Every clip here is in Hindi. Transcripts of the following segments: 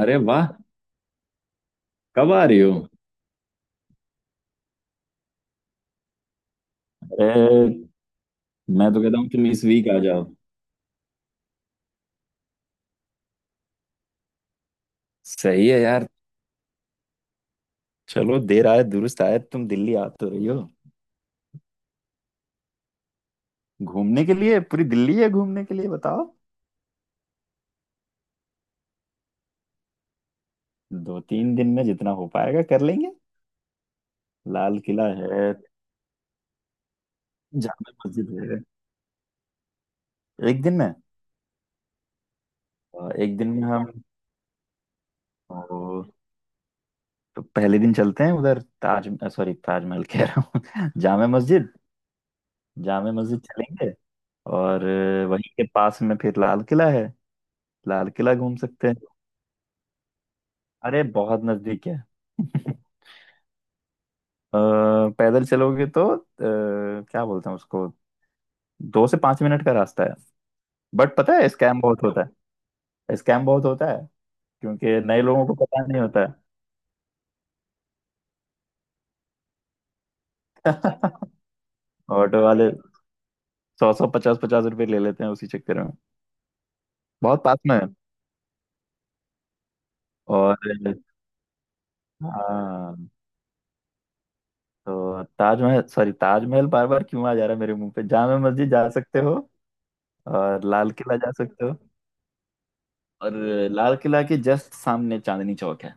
अरे वाह। कब आ रही हो? अरे मैं तो कहता हूँ तुम इस वीक आ जाओ। सही है यार। चलो देर आए दुरुस्त आए, तुम दिल्ली आ तो रही हो। घूमने के लिए पूरी दिल्ली है, घूमने के लिए बताओ। 2-3 दिन में जितना हो पाएगा कर लेंगे। लाल किला है, जामा मस्जिद है। एक दिन में। एक दिन में हम ओ, तो पहले दिन चलते हैं उधर ताज। सॉरी ताजमहल कह रहा हूँ जामा मस्जिद, जामा मस्जिद चलेंगे। और वहीं के पास में फिर लाल किला है, लाल किला घूम सकते हैं। अरे बहुत नजदीक है अ, पैदल चलोगे तो क्या बोलते हैं उसको, 2 से 5 मिनट का रास्ता है। बट पता है स्कैम बहुत होता है, स्कैम बहुत होता है क्योंकि नए लोगों को पता नहीं होता है ऑटो वाले सौ सौ पचास पचास रुपए ले लेते हैं उसी चक्कर में। बहुत पास में है और। हाँ तो ताजमहल, सॉरी ताजमहल बार बार क्यों आ जा रहा है मेरे मुंह पे। जामा मस्जिद जा सकते हो और लाल किला जा सकते हो। और लाल किला के जस्ट सामने चांदनी चौक है।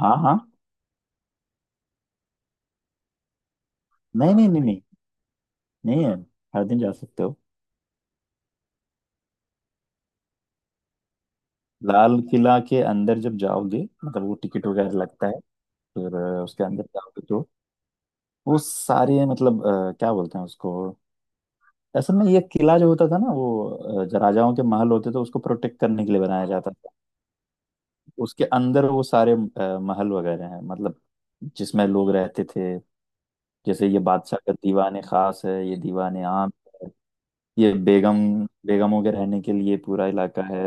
हाँ हाँ। नहीं नहीं नहीं नहीं, नहीं है। हर दिन जा सकते हो। लाल किला के अंदर जब जाओगे मतलब वो टिकट वगैरह लगता है, फिर उसके अंदर जाओगे तो वो सारे, मतलब क्या बोलते हैं उसको, असल में ये किला जो होता था ना, वो जो राजाओं के महल होते थे उसको प्रोटेक्ट करने के लिए बनाया जाता था। उसके अंदर वो सारे महल वगैरह हैं, मतलब जिसमें लोग रहते थे। जैसे ये बादशाह का दीवाने खास है, ये दीवाने आम है, ये बेगम, बेगमों के रहने के लिए पूरा इलाका है।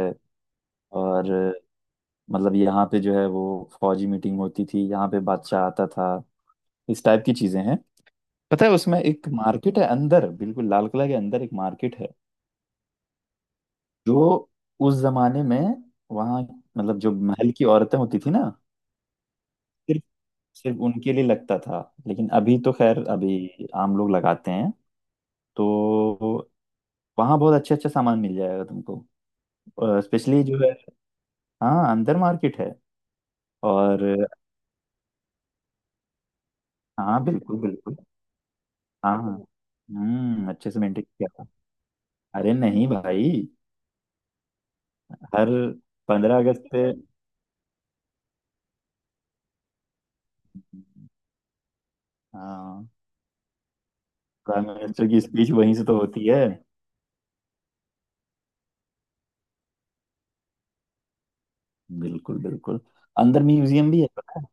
और मतलब यहाँ पे जो है वो फौजी मीटिंग होती थी, यहाँ पे बादशाह आता था, इस टाइप की चीजें हैं। पता है उसमें एक मार्केट है अंदर, बिल्कुल लाल किला के अंदर एक मार्केट है जो उस जमाने में, वहाँ मतलब जो महल की औरतें होती थी ना, सिर्फ सिर्फ उनके लिए लगता था। लेकिन अभी तो खैर अभी आम लोग लगाते हैं तो वहाँ बहुत अच्छा अच्छा सामान मिल जाएगा तुमको। स्पेशली जो है, हाँ अंदर मार्केट है। और हाँ बिल्कुल बिल्कुल। हाँ हाँ। अच्छे से मेंटेन किया। अरे नहीं भाई। हर 15 अगस्त पे। हाँ, प्राइम मिनिस्टर की स्पीच वहीं से तो होती है। बिल्कुल बिल्कुल। अंदर म्यूजियम भी है पता है।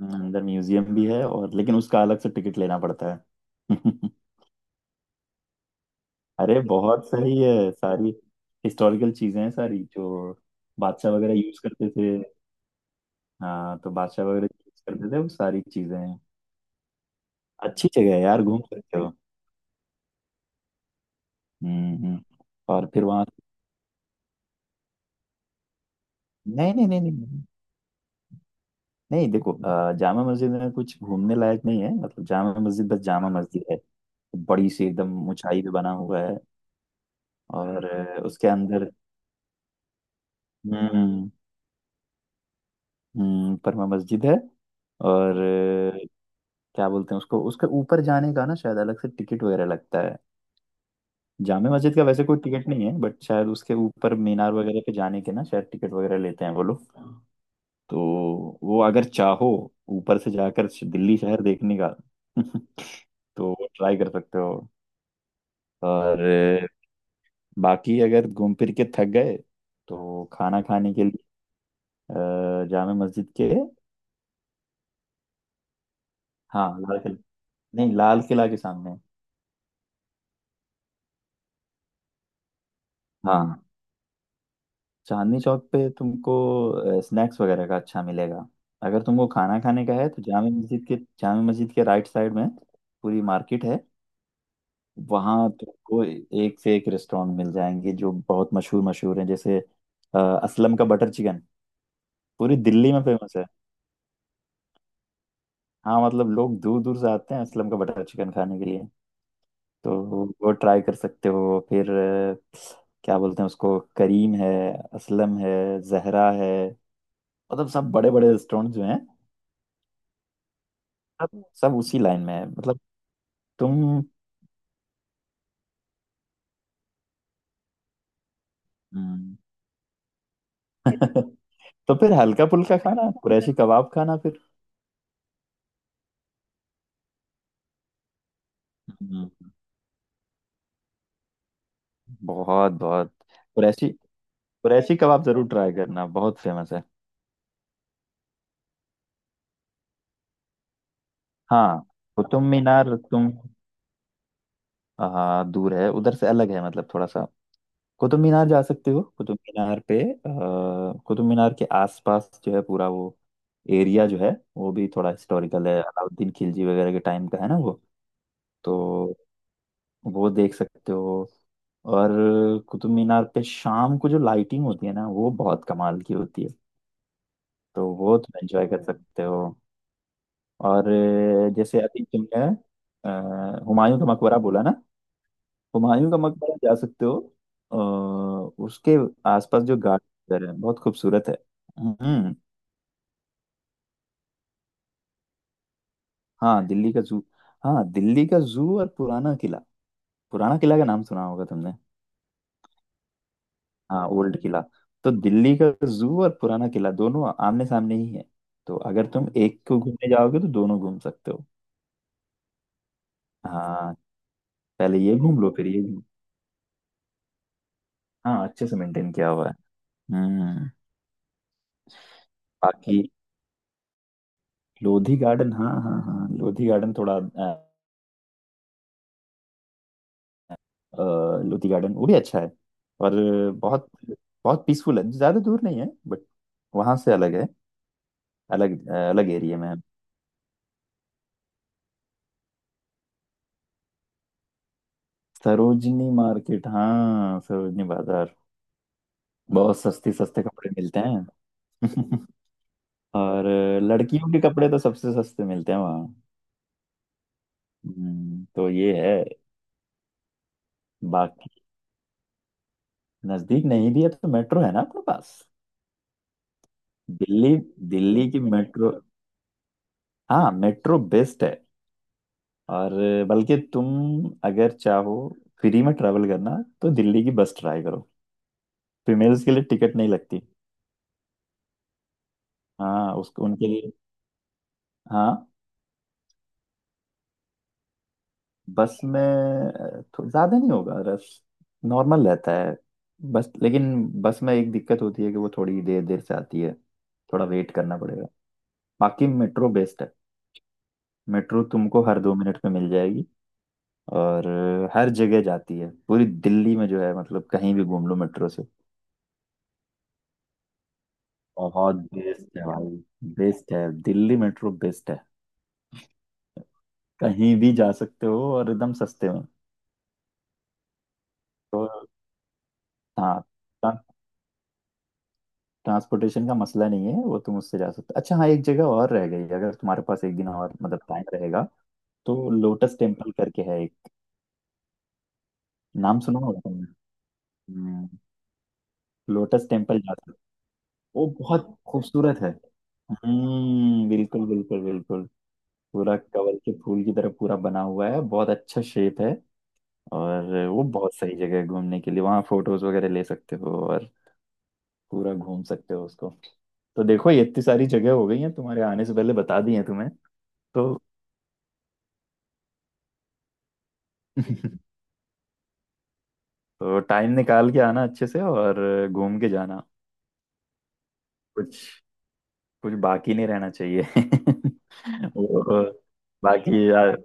अंदर म्यूजियम भी है और, लेकिन उसका अलग से टिकट लेना पड़ता है अरे बहुत सही है, सारी हिस्टोरिकल चीजें हैं सारी जो बादशाह वगैरह यूज करते थे। हाँ तो बादशाह वगैरह यूज करते थे, वो सारी चीजें हैं। अच्छी जगह है यार, घूम सकते हो। हम्म हम्म। और फिर वहां नहीं नहीं नहीं नहीं, नहीं देखो जामा मस्जिद में कुछ घूमने लायक नहीं है, मतलब जामा मस्जिद बस जामा मस्जिद है। बड़ी सी एकदम ऊंचाई पे बना हुआ है। और उसके अंदर। हम्म परमा मस्जिद है। और क्या बोलते हैं उसको, उसके ऊपर जाने का ना शायद अलग से टिकट वगैरह लगता है। जामा मस्जिद का वैसे कोई टिकट नहीं है बट शायद उसके ऊपर मीनार वगैरह पे जाने के ना, शायद टिकट वगैरह लेते हैं वो लोग। तो वो अगर चाहो ऊपर से जाकर दिल्ली शहर देखने का तो ट्राई कर सकते हो। और बाकी अगर घूम फिर के थक गए तो खाना खाने के लिए जामे मस्जिद के, हाँ लाल किला, नहीं लाल किला के सामने। हाँ, चांदनी चौक पे तुमको स्नैक्स वगैरह का अच्छा मिलेगा। अगर तुमको खाना खाने का है तो जामे मस्जिद के, जामे मस्जिद के राइट साइड में पूरी मार्केट है। वहाँ तुमको एक से एक रेस्टोरेंट मिल जाएंगे जो बहुत मशहूर मशहूर हैं, जैसे असलम का बटर चिकन, पूरी दिल्ली में फेमस है। हाँ मतलब लोग दूर दूर से आते हैं असलम का बटर चिकन खाने के लिए। तो वो ट्राई कर सकते हो, फिर क्या बोलते हैं उसको, करीम है, असलम है, जहरा है, मतलब सब बड़े बड़े रेस्टोरेंट जो हैं, सब सब उसी लाइन में है मतलब। तुम। हम्म, तो फिर हल्का फुल्का खाना, कुरैशी कबाब खाना फिर। हम्म, बहुत बहुत। कुरैशी, कुरैशी कबाब जरूर ट्राई करना बहुत फेमस है। हाँ कुतुब मीनार तुम, हाँ दूर है उधर से अलग है, मतलब थोड़ा सा कुतुब मीनार जा सकते हो। कुतुब मीनार पे कुतुब मीनार के आसपास जो है, पूरा वो एरिया जो है वो भी थोड़ा हिस्टोरिकल है, अलाउद्दीन खिलजी वगैरह के टाइम का है ना वो। तो वो देख सकते हो। और कुतुब मीनार पे शाम को जो लाइटिंग होती है ना, वो बहुत कमाल की होती है। तो वो तुम एंजॉय कर सकते हो। और जैसे अभी तुमने हुमायूं का मकबरा बोला ना, हुमायूं का मकबरा जा सकते हो। उसके आसपास जो गार्डन है बहुत खूबसूरत है। हम्म। हाँ दिल्ली का जू, हाँ दिल्ली का जू और पुराना किला, पुराना किला का नाम सुना होगा तुमने। हाँ ओल्ड किला। तो दिल्ली का जू और पुराना किला दोनों आमने सामने ही है, तो अगर तुम एक को घूमने जाओगे तो दोनों घूम सकते हो। हाँ पहले ये घूम लो फिर ये घूम। हाँ अच्छे से मेंटेन किया हुआ है। हम्म। बाकी लोधी गार्डन, हाँ हाँ हाँ लोधी गार्डन थोड़ा अ, लोधी गार्डन वो भी अच्छा है। और बहुत बहुत पीसफुल है, ज़्यादा दूर नहीं है बट वहाँ से अलग है, अलग अलग एरिया में है। सरोजनी मार्केट, हाँ सरोजनी बाजार, बहुत सस्ते सस्ते कपड़े मिलते हैं और लड़कियों के कपड़े तो सबसे सस्ते मिलते हैं वहाँ। तो ये है। बाकी नज़दीक नहीं भी है तो मेट्रो है ना आपके पास। दिल्ली, दिल्ली की मेट्रो। हाँ मेट्रो बेस्ट है। और बल्कि तुम अगर चाहो फ्री में ट्रैवल करना तो दिल्ली की बस ट्राई करो। फीमेल्स के लिए टिकट नहीं लगती। हाँ उसको उनके लिए, हाँ। बस में ज्यादा नहीं होगा रश, नॉर्मल रहता है। बस लेकिन बस में एक दिक्कत होती है कि वो थोड़ी देर देर से आती है, थोड़ा वेट करना पड़ेगा। बाकी मेट्रो बेस्ट है, मेट्रो तुमको हर 2 मिनट में मिल जाएगी। और हर जगह जाती है पूरी दिल्ली में जो है, मतलब कहीं भी घूम लो मेट्रो से। बहुत बेस्ट है भाई, बेस्ट है, दिल्ली मेट्रो बेस्ट है। कहीं भी जा सकते हो और एकदम सस्ते में। तो हाँ, ट्रांसपोर्टेशन का मसला नहीं है, वो तुम उससे जा सकते हो। अच्छा हाँ, एक जगह और रह गई अगर तुम्हारे पास एक दिन और मतलब टाइम रहेगा तो लोटस टेम्पल करके है एक, नाम सुना होगा तुमने। लोटस टेम्पल जा सकते हो। वो बहुत खूबसूरत है। बिल्कुल बिल्कुल बिल्कुल। पूरा कमल के फूल की तरह पूरा बना हुआ है, बहुत अच्छा शेप है। और वो बहुत सही जगह है घूमने के लिए। वहाँ फोटोज वगैरह ले सकते हो और पूरा घूम सकते हो उसको। तो देखो ये इतनी सारी जगह हो गई हैं, तुम्हारे आने से पहले बता दी हैं तुम्हें तो तो टाइम निकाल के आना अच्छे से और घूम के जाना, कुछ कुछ बाकी नहीं रहना चाहिए वो। बाकी यार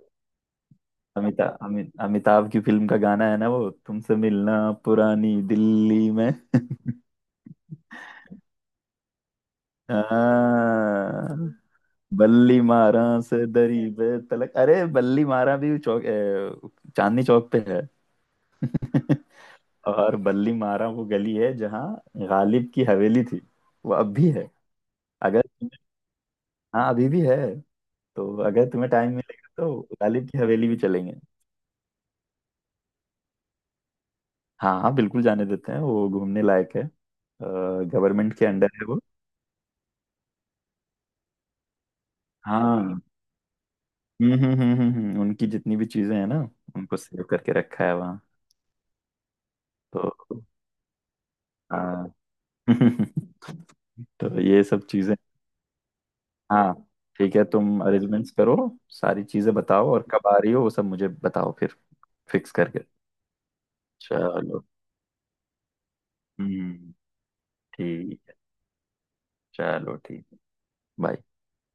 अमिताभ अमिताभ की फिल्म का गाना है ना, वो तुमसे मिलना पुरानी दिल्ली में हाँ, बल्ली मारा से दरी पे तलक, अरे बल्ली मारा भी चौक, चांदनी चौक पे है और बल्ली मारा वो गली है जहाँ गालिब की हवेली थी, वो अब भी है। अगर तुम्हें, हाँ अभी भी है, तो अगर तुम्हें टाइम मिलेगा तो गालिब की हवेली भी चलेंगे। हाँ हाँ बिल्कुल जाने देते हैं, वो घूमने लायक है, गवर्नमेंट के अंडर है वो। हाँ उनकी जितनी भी चीजें हैं ना उनको सेव करके रखा है। तो हाँ तो ये सब चीजें। हाँ ठीक है, तुम अरेंजमेंट्स करो, सारी चीजें बताओ और कब आ रही हो वो सब मुझे बताओ फिर, फिक्स करके। चलो हम्म, ठीक है। चलो ठीक। बाय।